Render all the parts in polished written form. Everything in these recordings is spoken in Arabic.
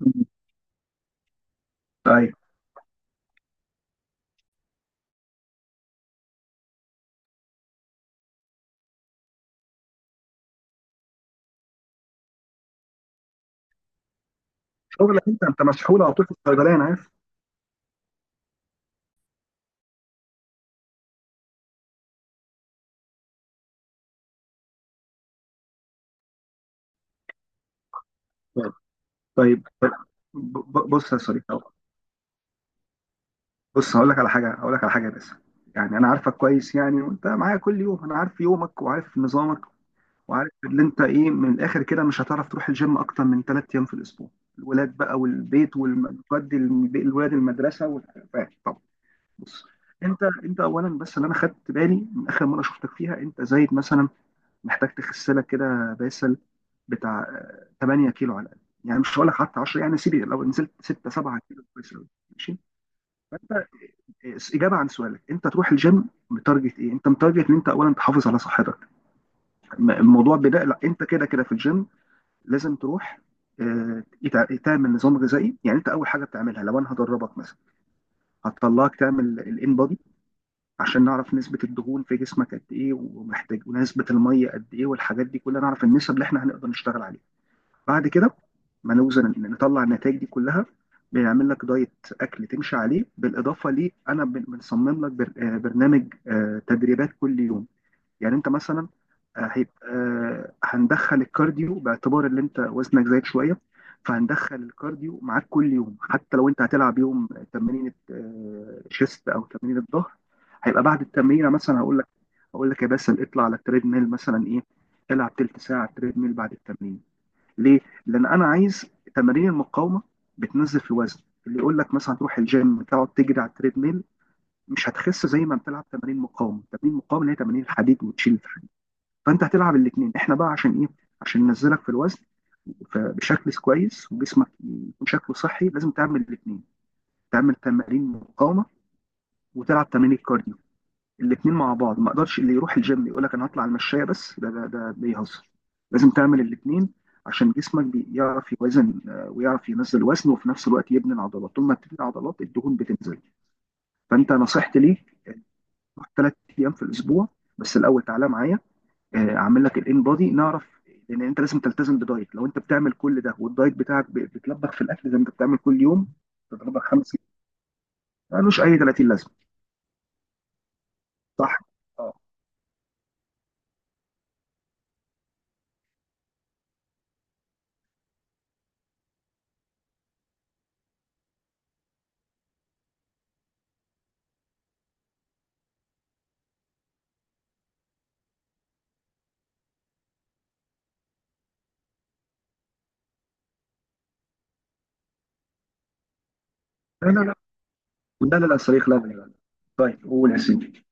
مم. ايوه، شغلك، انت مسحول على طول في الصيدليه، انا عارف. آه. طيب، بص يا صديقي أهو. بص، هقول لك على حاجه بس. يعني انا عارفك كويس يعني، وانت معايا كل يوم، انا عارف يومك وعارف نظامك وعارف اللي انت ايه. من الاخر كده، مش هتعرف تروح الجيم اكتر من ثلاث ايام في الاسبوع. الولاد بقى والبيت والجد، الولاد المدرسه والحاجات، فاهم. طب بص، انت اولا بس اللي انا خدت بالي من اخر مره شفتك فيها، انت زايد مثلا، محتاج تخس لك كده باسل بتاع 8 كيلو على الاقل. يعني مش هقول لك حتى 10، يعني سيبي لو نزلت 6 7 كيلو كويس قوي، ماشي. فانت اجابه عن سؤالك، انت تروح الجيم متارجت ايه؟ انت متارجت ان انت اولا تحافظ على صحتك. الموضوع بدأ، لا انت كده كده في الجيم، لازم تروح، تعمل نظام غذائي. يعني انت اول حاجه بتعملها لو انا هدربك مثلا، هتطلعك تعمل الان بودي عشان نعرف نسبه الدهون في جسمك قد ايه، ومحتاج، ونسبه الميه قد ايه، والحاجات دي كلها. نعرف النسب اللي احنا هنقدر نشتغل عليها. بعد كده ما نوزن إن نطلع النتائج دي كلها، بنعمل لك دايت، اكل تمشي عليه، بالاضافه ليه انا بنصمم لك برنامج تدريبات كل يوم. يعني انت مثلا هيبقى هندخل الكارديو باعتبار ان انت وزنك زايد شويه، فهندخل الكارديو معاك كل يوم، حتى لو انت هتلعب يوم تمرين شيست او تمرين الظهر، هيبقى بعد التمرين مثلا هقول لك، هقول لك يا باسل اطلع على التريد ميل مثلا ايه، العب تلت ساعه تريد ميل بعد التمرين. ليه؟ لان انا عايز تمارين المقاومه بتنزل في الوزن. اللي يقول لك مثلا تروح الجيم تقعد تجري على التريد ميل، مش هتخس زي ما بتلعب تمارين مقاومه، تمارين مقاومه اللي هي تمارين الحديد وتشيل الحديد، فانت هتلعب الاثنين. احنا بقى عشان ايه؟ عشان ننزلك في الوزن بشكل كويس، وجسمك يكون شكله صحي، لازم تعمل الاثنين، تعمل تمارين مقاومه وتلعب تمارين الكارديو، الاثنين مع بعض. ما اقدرش اللي يروح الجيم يقول لك انا هطلع المشاية بس، ده ده بيهزر، لازم تعمل الاثنين عشان جسمك بيعرف يوازن، ويعرف ينزل وزن وفي نفس الوقت يبني العضلات. طول ما بتبني عضلات، الدهون بتنزل. فانت نصيحتي ليك، روح ثلاث ايام في الاسبوع، بس الاول تعالى معايا، اعمل لك الان بودي نعرف. لان انت لازم تلتزم بدايت. لو انت بتعمل كل ده والدايت بتاعك بتلبخ في الاكل زي ما انت بتعمل كل يوم، بتضربك خمس، ملوش اي 30 لازمه. صح. اه. لا لا لا، لا لا لا صريخ، لا لا لا. طيب قول يا سيدي.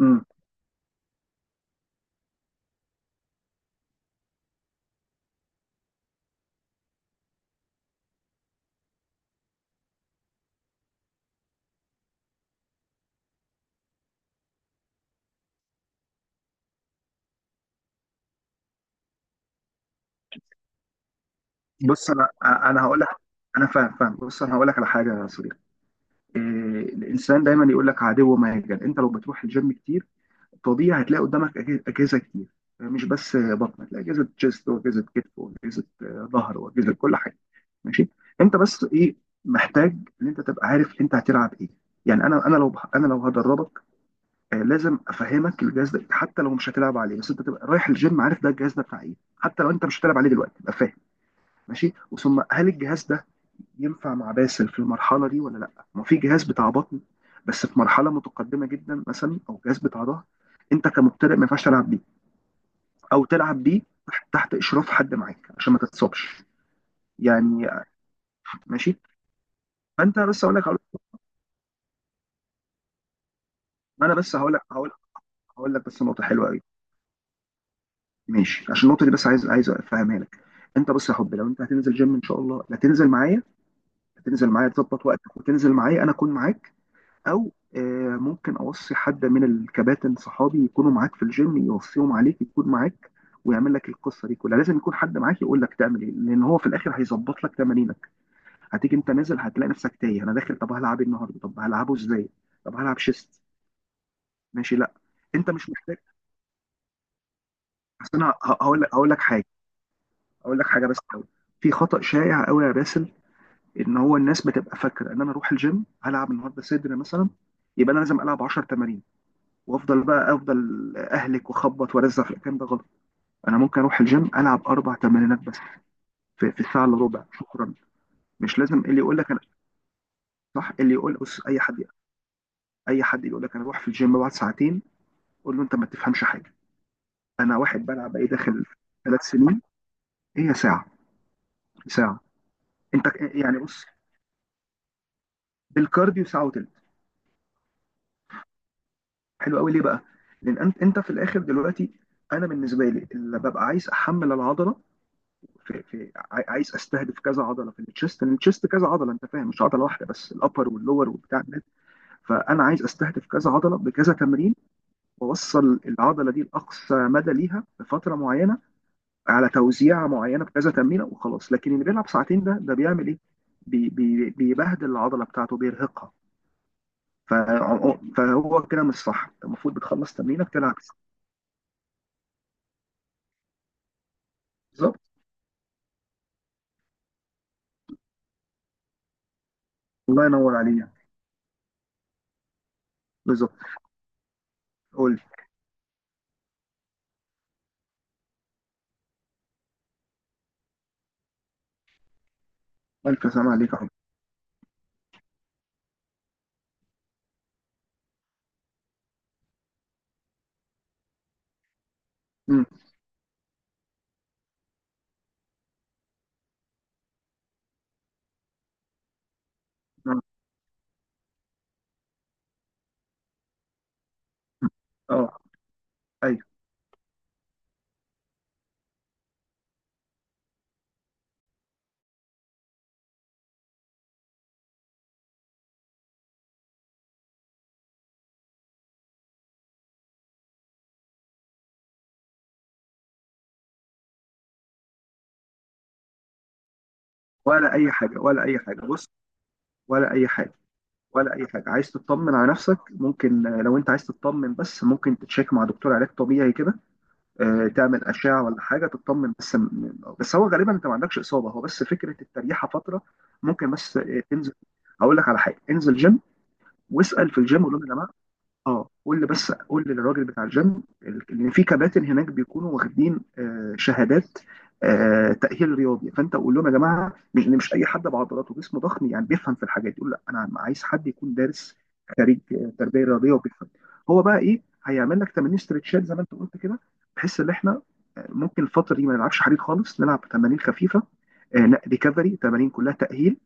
امم بص، انا هقول لك، انا فاهم فاهم، بص انا هقول لك على حاجه يا صديقي. إيه؟ الانسان دايما يقول لك عدو مهجن. انت لو بتروح الجيم كتير، طبيعي هتلاقي قدامك اجهزه كتير، مش بس بطن، هتلاقي اجهزه تشيست واجهزه كتف واجهزه ظهر واجهزه كل حاجه، ماشي. انت بس ايه؟ محتاج ان انت تبقى عارف انت هتلعب ايه. يعني انا لو هدربك، لازم افهمك الجهاز ده، حتى لو مش هتلعب عليه، بس انت تبقى رايح الجيم عارف ده، الجهاز ده بتاع ايه، حتى لو انت مش هتلعب عليه دلوقتي تبقى فاهم. ماشي. وثم هل الجهاز ده ينفع مع باسل في المرحله دي ولا لا؟ ما في جهاز بتاع بطن بس في مرحله متقدمه جدا مثلا، او جهاز بتاع ظهر انت كمبتدئ ما ينفعش تلعب بيه، او تلعب بيه تحت اشراف حد معاك عشان ما تتصابش، يعني. ماشي. فانت بس هقول لك، ما انا بس هقول لك هقول لك بس نقطه حلوه قوي. ماشي عشان النقطه دي، بس عايز افهمها لك. انت بس يا حبي، لو انت هتنزل جيم ان شاء الله، لا، تنزل معايا، هتنزل معايا تظبط وقتك وتنزل معايا، انا اكون معاك. او ممكن اوصي حد من الكباتن صحابي يكونوا معاك في الجيم، يوصيهم عليك يكون معاك، ويعمل لك القصه دي كلها. لازم يكون حد معاك يقول لك تعمل ايه، لان هو في الاخر هيظبط لك تمارينك. هتيجي انت نازل هتلاقي نفسك تايه، انا داخل طب هلعب إيه النهارده؟ طب هلعبه ازاي؟ طب هلعب شيست؟ ماشي. لا، انت مش محتاج، بس انا هقول لك، حاجه. اقول لك حاجه بس قوي. في خطا شائع قوي يا باسل، ان هو الناس بتبقى فاكره ان انا اروح الجيم هلعب النهارده صدر مثلا، يبقى انا لازم العب 10 تمارين وافضل بقى افضل اهلك واخبط وارزع. في الكلام ده غلط. انا ممكن اروح الجيم العب اربع تمارينات بس في, في الساعه الا ربع، شكرا. مش لازم اللي يقول لك انا، صح. اللي يقول اي حد، اي حد يقول لك انا اروح في الجيم بعد ساعتين، قول له انت ما تفهمش حاجه. انا واحد بلعب ايه داخل ثلاث سنين، هي ساعه، ساعه. انت يعني بص، بالكارديو ساعه وتلت. حلو قوي. ليه بقى؟ لان انت في الاخر دلوقتي، انا بالنسبه لي اللي ببقى عايز احمل العضله، في, في عايز استهدف كذا عضله في التشيست، لان التشيست كذا عضله، انت فاهم، مش عضله واحده بس، الابر واللور وبتاع ده. فانا عايز استهدف كذا عضله بكذا تمرين، واوصل العضله دي لاقصى مدى ليها بفتره معينه، على توزيعه معينه بكذا تمرينه وخلاص. لكن اللي بيلعب ساعتين، ده بيعمل ايه؟ بي بي بيبهدل العضله بتاعته، بيرهقها. فهو كده مش صح. أنت المفروض بتخلص تمرينك تلعب. بالظبط. الله ينور عليك. بالظبط. قول لي. وانت سامع عليك يا حب. مم. مم. اه. ايوه. ولا اي حاجه، ولا اي حاجه، بص. ولا اي حاجه، ولا اي حاجه. عايز تطمن على نفسك؟ ممكن لو انت عايز تطمن، بس ممكن تتشيك مع دكتور علاج طبيعي كده، تعمل اشعه ولا حاجه تطمن، بس بس هو غالبا انت ما عندكش اصابه، هو بس فكره التريحه فتره. ممكن بس تنزل، هقول لك على حاجه، انزل جيم واسال في الجيم، قول لهم يا جماعه. اه، قول لي بس، قول لي للراجل بتاع الجيم، ان في كباتن هناك بيكونوا واخدين شهادات تأهيل رياضي. فانت قول لهم يا جماعه، مش إن مش اي حد بعضلاته جسمه ضخم يعني بيفهم في الحاجات دي. يقول لا انا عايز حد يكون دارس، خريج تربيه رياضيه وبيفهم. هو بقى ايه هيعمل لك تمارين ستريتشات زي ما انت قلت كده، بحيث ان احنا ممكن الفتره دي ما نلعبش حديد خالص، نلعب تمارين خفيفه، ريكفري، تمارين كلها تأهيل،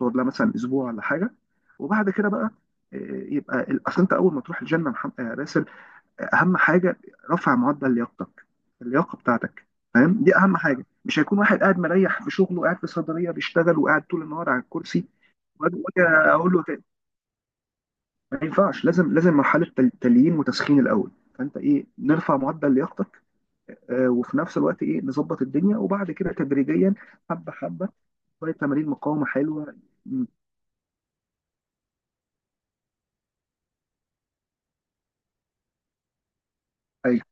تقعد لها مثلا اسبوع ولا حاجه. وبعد كده بقى آه، يبقى اصل انت اول ما تروح الجنه يا محمد يا باسل، اهم حاجه رفع معدل لياقتك، اللياقه بتاعتك، فاهم، دي اهم حاجه. مش هيكون واحد قاعد مريح في شغله قاعد في صيدليه بيشتغل وقاعد طول النهار على الكرسي، وأجي اقول له تاني ما ينفعش، لازم مرحله تليين وتسخين الاول. فانت ايه، نرفع معدل لياقتك، وفي نفس الوقت ايه، نظبط الدنيا، وبعد كده تدريجيا، حبه حبه، شويه تمارين مقاومه حلوه. م، ايوه.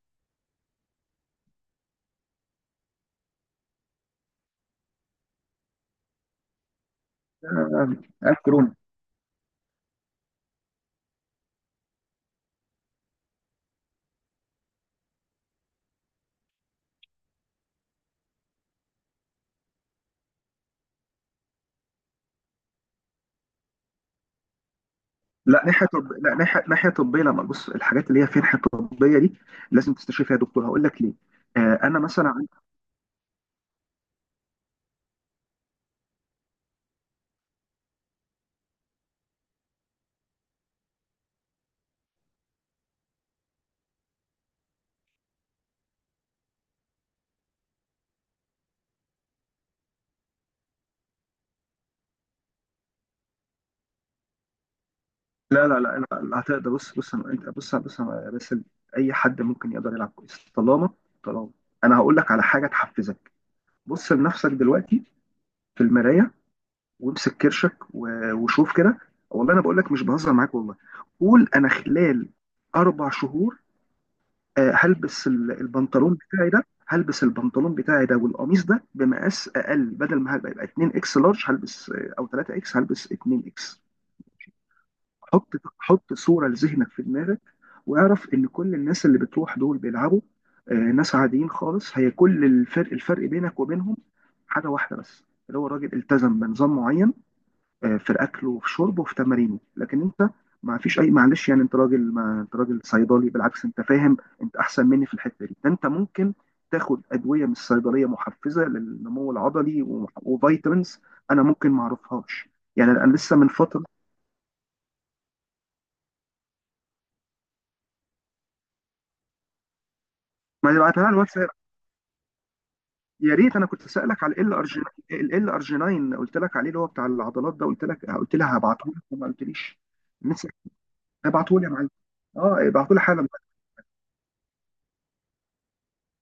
آه، كورونا. لا ناحيه لا ناحيه، ناحيه طبيه، لما بص الحاجات اللي هي فيها ناحيه طبيه دي لازم تستشير فيها دكتور. هقول لك ليه. آه، انا مثلا لا لا لا لا, لا هتقدر. بص بص انت، بص بص بس اي حد ممكن يقدر يلعب كويس، طالما طالما انا هقول لك على حاجه تحفزك، بص لنفسك دلوقتي في المرايه، وامسك كرشك و... وشوف كده. والله انا بقول لك مش بهزر معاك، والله. قول انا خلال اربع شهور هلبس البنطلون بتاعي ده، هلبس البنطلون بتاعي ده والقميص ده بمقاس اقل، بدل ما هيبقى يبقى 2 اكس لارج، هلبس او 3 اكس، هلبس 2 اكس. حط صوره لذهنك في دماغك، واعرف ان كل الناس اللي بتروح دول بيلعبوا، ناس عاديين خالص، هي كل الفرق، الفرق بينك وبينهم حاجه واحده بس، اللي هو الراجل التزم بنظام معين في الاكل وفي شربه وفي تمارينه. لكن انت، ما فيش اي معلش، يعني انت راجل، ما انت راجل صيدلي، بالعكس انت فاهم، انت احسن مني في الحته دي، ده انت ممكن تاخد ادويه من الصيدليه محفزه للنمو العضلي وفيتامينز، انا ممكن ما اعرفهاش، يعني انا لسه من فتره. ما بعتها على الواتساب؟ يا ريت، انا كنت سالك على ال ارجينين، ال ارجينين قلت لك عليه، اللي هو بتاع العضلات ده، قلت لك، قلت لها هبعته لك وما قلتليش. لسه، ابعته لي يا معلم، اه، ابعته لي حالا.